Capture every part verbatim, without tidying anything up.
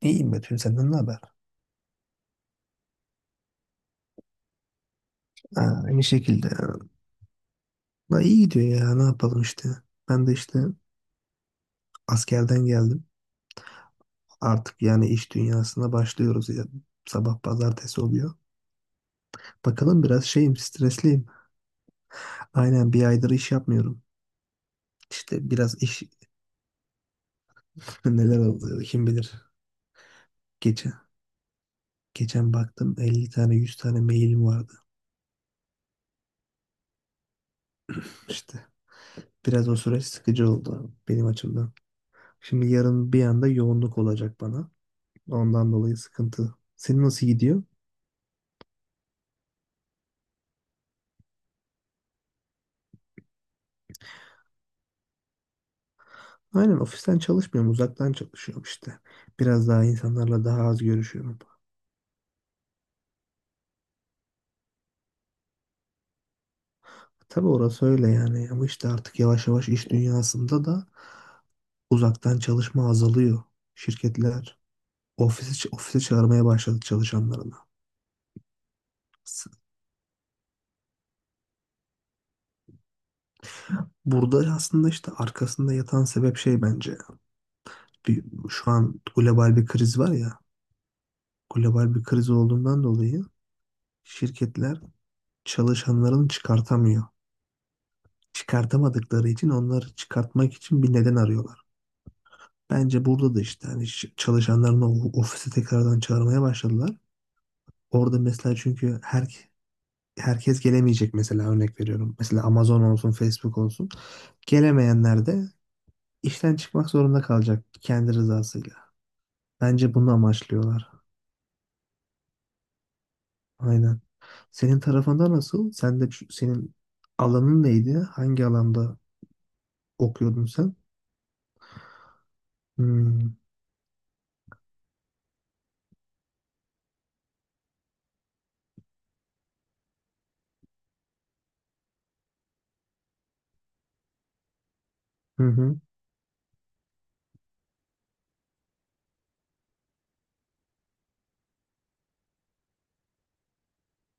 İyiyim Betül, senden ne haber? Ha, aynı şekilde. Da iyi gidiyor ya, ne yapalım işte. Ben de işte askerden geldim. Artık yani iş dünyasına başlıyoruz ya. Sabah pazartesi oluyor. Bakalım, biraz şeyim, stresliyim. Aynen, bir aydır iş yapmıyorum. İşte biraz iş neler oldu kim bilir. Geçen, geçen baktım elli tane yüz tane mailim vardı. İşte biraz o süreç sıkıcı oldu benim açımdan. Şimdi yarın bir anda yoğunluk olacak bana. Ondan dolayı sıkıntı. Senin nasıl gidiyor? Aynen, ofisten çalışmıyorum, uzaktan çalışıyorum işte. Biraz daha insanlarla daha az görüşüyorum. Tabii, orası öyle yani, ama işte artık yavaş yavaş iş dünyasında da uzaktan çalışma azalıyor. Şirketler ofise, ofise çağırmaya başladı çalışanlarını. S- Burada aslında işte arkasında yatan sebep şey bence. Bir, şu an global bir kriz var ya, global bir kriz olduğundan dolayı şirketler çalışanlarını çıkartamıyor. Çıkartamadıkları için onları çıkartmak için bir neden arıyorlar. Bence burada da işte hani ş- çalışanlarını o- ofise tekrardan çağırmaya başladılar. Orada mesela çünkü her herkes gelemeyecek, mesela örnek veriyorum. Mesela Amazon olsun, Facebook olsun. Gelemeyenler de işten çıkmak zorunda kalacak kendi rızasıyla. Bence bunu amaçlıyorlar. Aynen. Senin tarafında nasıl? Sen de şu- senin alanın neydi? Hangi alanda okuyordun sen? Hmm. Hı hı.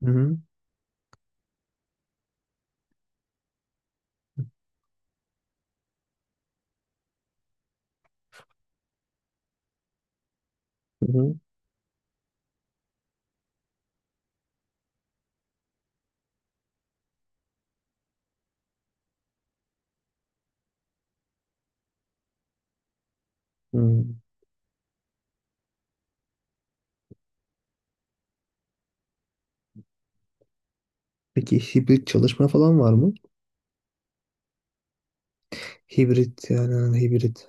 Hı hı. Hı hı. Hı. Peki hibrit çalışma falan var mı? Hibrit yani, ha, hibrit.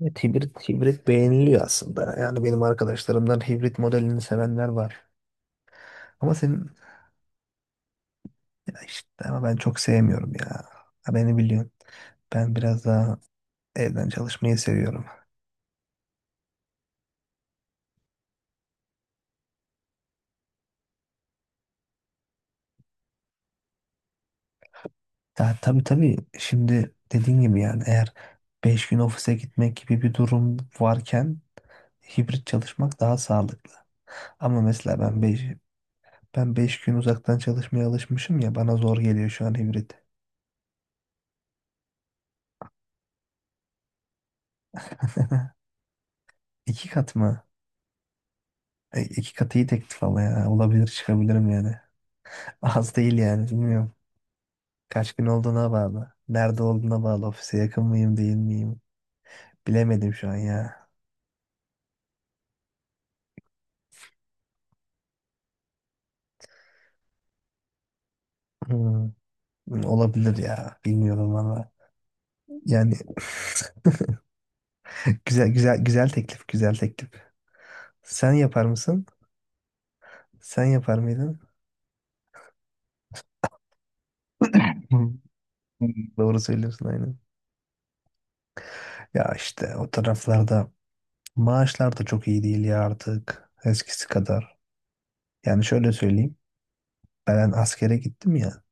Evet, hibrit, hibrit beğeniliyor aslında. Yani benim arkadaşlarımdan hibrit modelini sevenler var. Ama senin ya işte, ama ben çok sevmiyorum ya. Ha, beni biliyorsun. Ben biraz daha evden çalışmayı seviyorum. Ya tabii tabii, şimdi dediğin gibi yani eğer beş gün ofise gitmek gibi bir durum varken hibrit çalışmak daha sağlıklı. Ama mesela ben beş ben beş gün uzaktan çalışmaya alışmışım ya, bana zor geliyor şu an hibrit. İki kat mı? E, iki katı iyi teklif ama ya. Olabilir, çıkabilirim yani. Az değil yani, bilmiyorum. Kaç gün olduğuna bağlı. Nerede olduğuna bağlı. Ofise yakın mıyım değil miyim? Bilemedim şu an ya. Hmm, olabilir ya. Bilmiyorum valla. Yani güzel güzel güzel teklif, güzel teklif. Sen yapar mısın? Sen yapar mıydın? Hı. Doğru söylüyorsun aynen. Ya işte o taraflarda maaşlar da çok iyi değil ya artık eskisi kadar. Yani şöyle söyleyeyim. Ben askere gittim ya.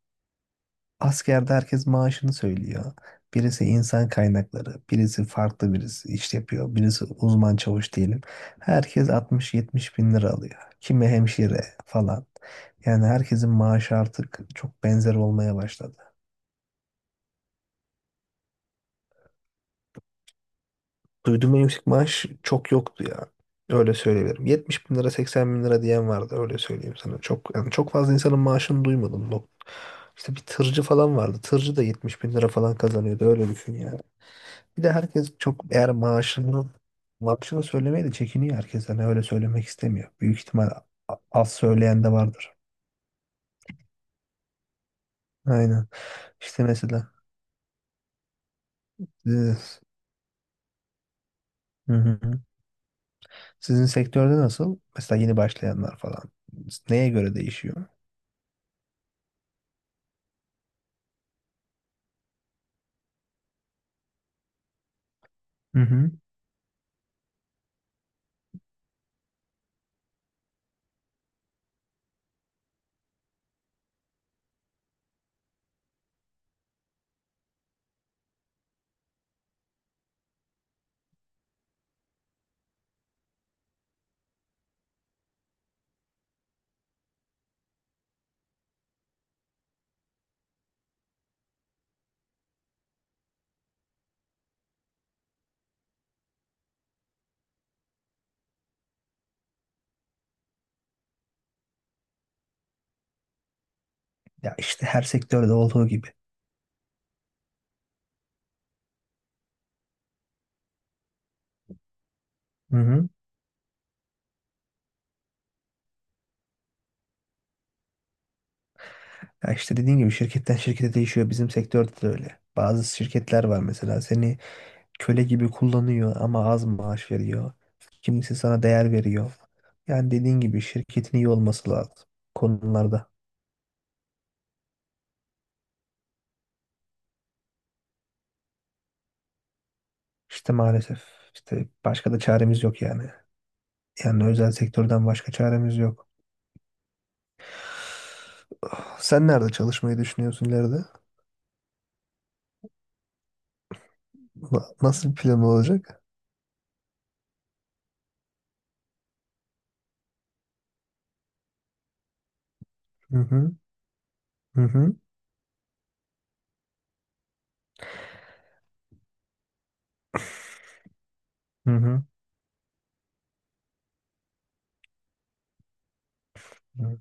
Askerde herkes maaşını söylüyor. Birisi insan kaynakları, birisi farklı, birisi iş yapıyor, birisi uzman çavuş diyelim. Herkes altmış yetmiş bin lira alıyor. Kimi hemşire falan. Yani herkesin maaşı artık çok benzer olmaya başladı. Duyduğum en yüksek maaş çok yoktu ya. Öyle söyleyebilirim. yetmiş bin lira, seksen bin lira diyen vardı. Öyle söyleyeyim sana. Çok yani, çok fazla insanın maaşını duymadım. Nok- İşte bir tırcı falan vardı. Tırcı da yetmiş bin lira falan kazanıyordu. Öyle düşün. Bir de herkes çok, eğer maaşını maaşını söylemeye de çekiniyor herkes. Hani öyle söylemek istemiyor. Büyük ihtimal a- az söyleyen de vardır. Aynen. İşte mesela siz- hı hı. Sizin sektörde nasıl? Mesela yeni başlayanlar falan. Neye göre değişiyor? Hı hı. Ya işte, her sektörde olduğu gibi. Hı hı. Ya işte dediğin gibi, şirketten şirkete değişiyor. Bizim sektörde de öyle. Bazı şirketler var mesela, seni köle gibi kullanıyor ama az maaş veriyor. Kimisi sana değer veriyor. Yani dediğin gibi, şirketin iyi olması lazım konularda. İşte maalesef, işte başka da çaremiz yok yani. Yani özel sektörden başka çaremiz yok. Ah, sen nerede çalışmayı düşünüyorsun ileride? Na- Nasıl bir plan olacak? Hı hı, hı hı, hı hı. Hı.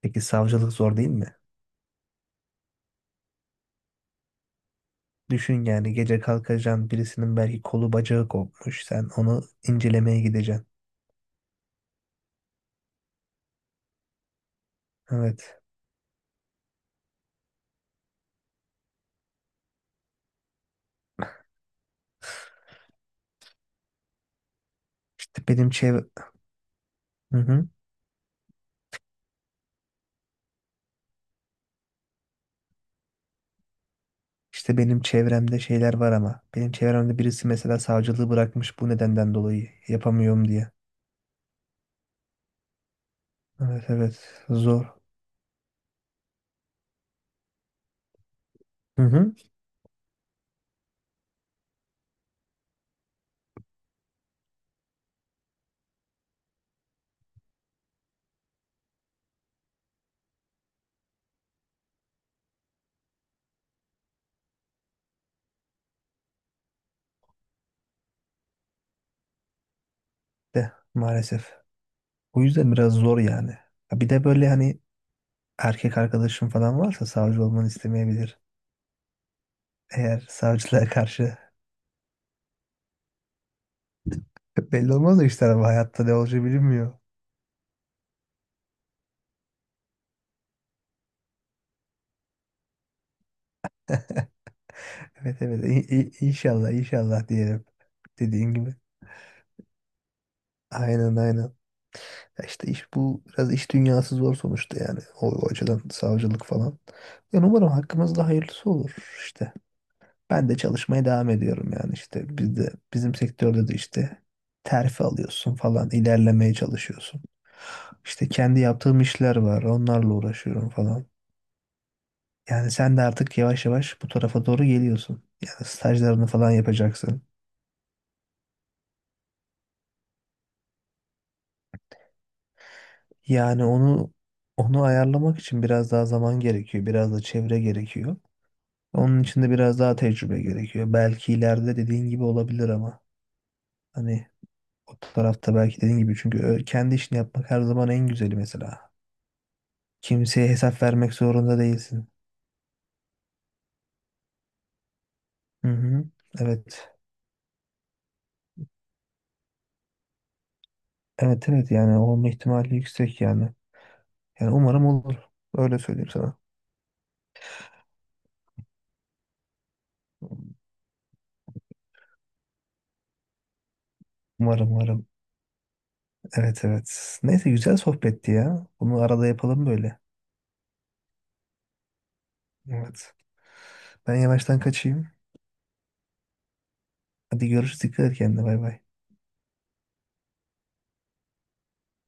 Peki savcılık zor değil mi? Düşün yani, gece kalkacaksın, birisinin belki kolu bacağı kopmuş. Sen onu incelemeye gideceksin. Evet. İşte benim çev... Hı hı. İşte benim çevremde şeyler var ama. Benim çevremde birisi mesela savcılığı bırakmış bu nedenden dolayı. Yapamıyorum diye. Evet evet, zor. Hı hı. De maalesef. O yüzden biraz zor yani. Ha, bir de böyle hani erkek arkadaşım falan varsa savcı olmanı istemeyebilir. Eğer savcılığa karşı belli olmaz o işler ama hayatta ne olacağı bilinmiyor. Evet evet, İ- i- inşallah inşallah diyelim, dediğin gibi. Aynen aynen. Ya İşte iş bu, biraz iş dünyası zor sonuçta yani, o, o açıdan savcılık falan. Yani umarım hakkımızda hayırlısı olur işte. Ben de çalışmaya devam ediyorum yani, işte biz de bizim sektörde de işte terfi alıyorsun falan, ilerlemeye çalışıyorsun. İşte kendi yaptığım işler var, onlarla uğraşıyorum falan. Yani sen de artık yavaş yavaş bu tarafa doğru geliyorsun. Yani stajlarını falan yapacaksın. Yani onu onu ayarlamak için biraz daha zaman gerekiyor, biraz da çevre gerekiyor. Onun için de biraz daha tecrübe gerekiyor. Belki ileride dediğin gibi olabilir ama hani o tarafta belki dediğin gibi, çünkü ö- kendi işini yapmak her zaman en güzeli mesela. Kimseye hesap vermek zorunda değilsin. Hı hı. Evet. Evet evet, yani olma ihtimali yüksek yani. Yani umarım olur. Öyle söyleyeyim sana. Umarım umarım. Evet evet. Neyse, güzel sohbetti ya. Bunu arada yapalım böyle. Evet. Ben yavaştan kaçayım. Hadi görüşürüz. Dikkat et kendine. Bay bay.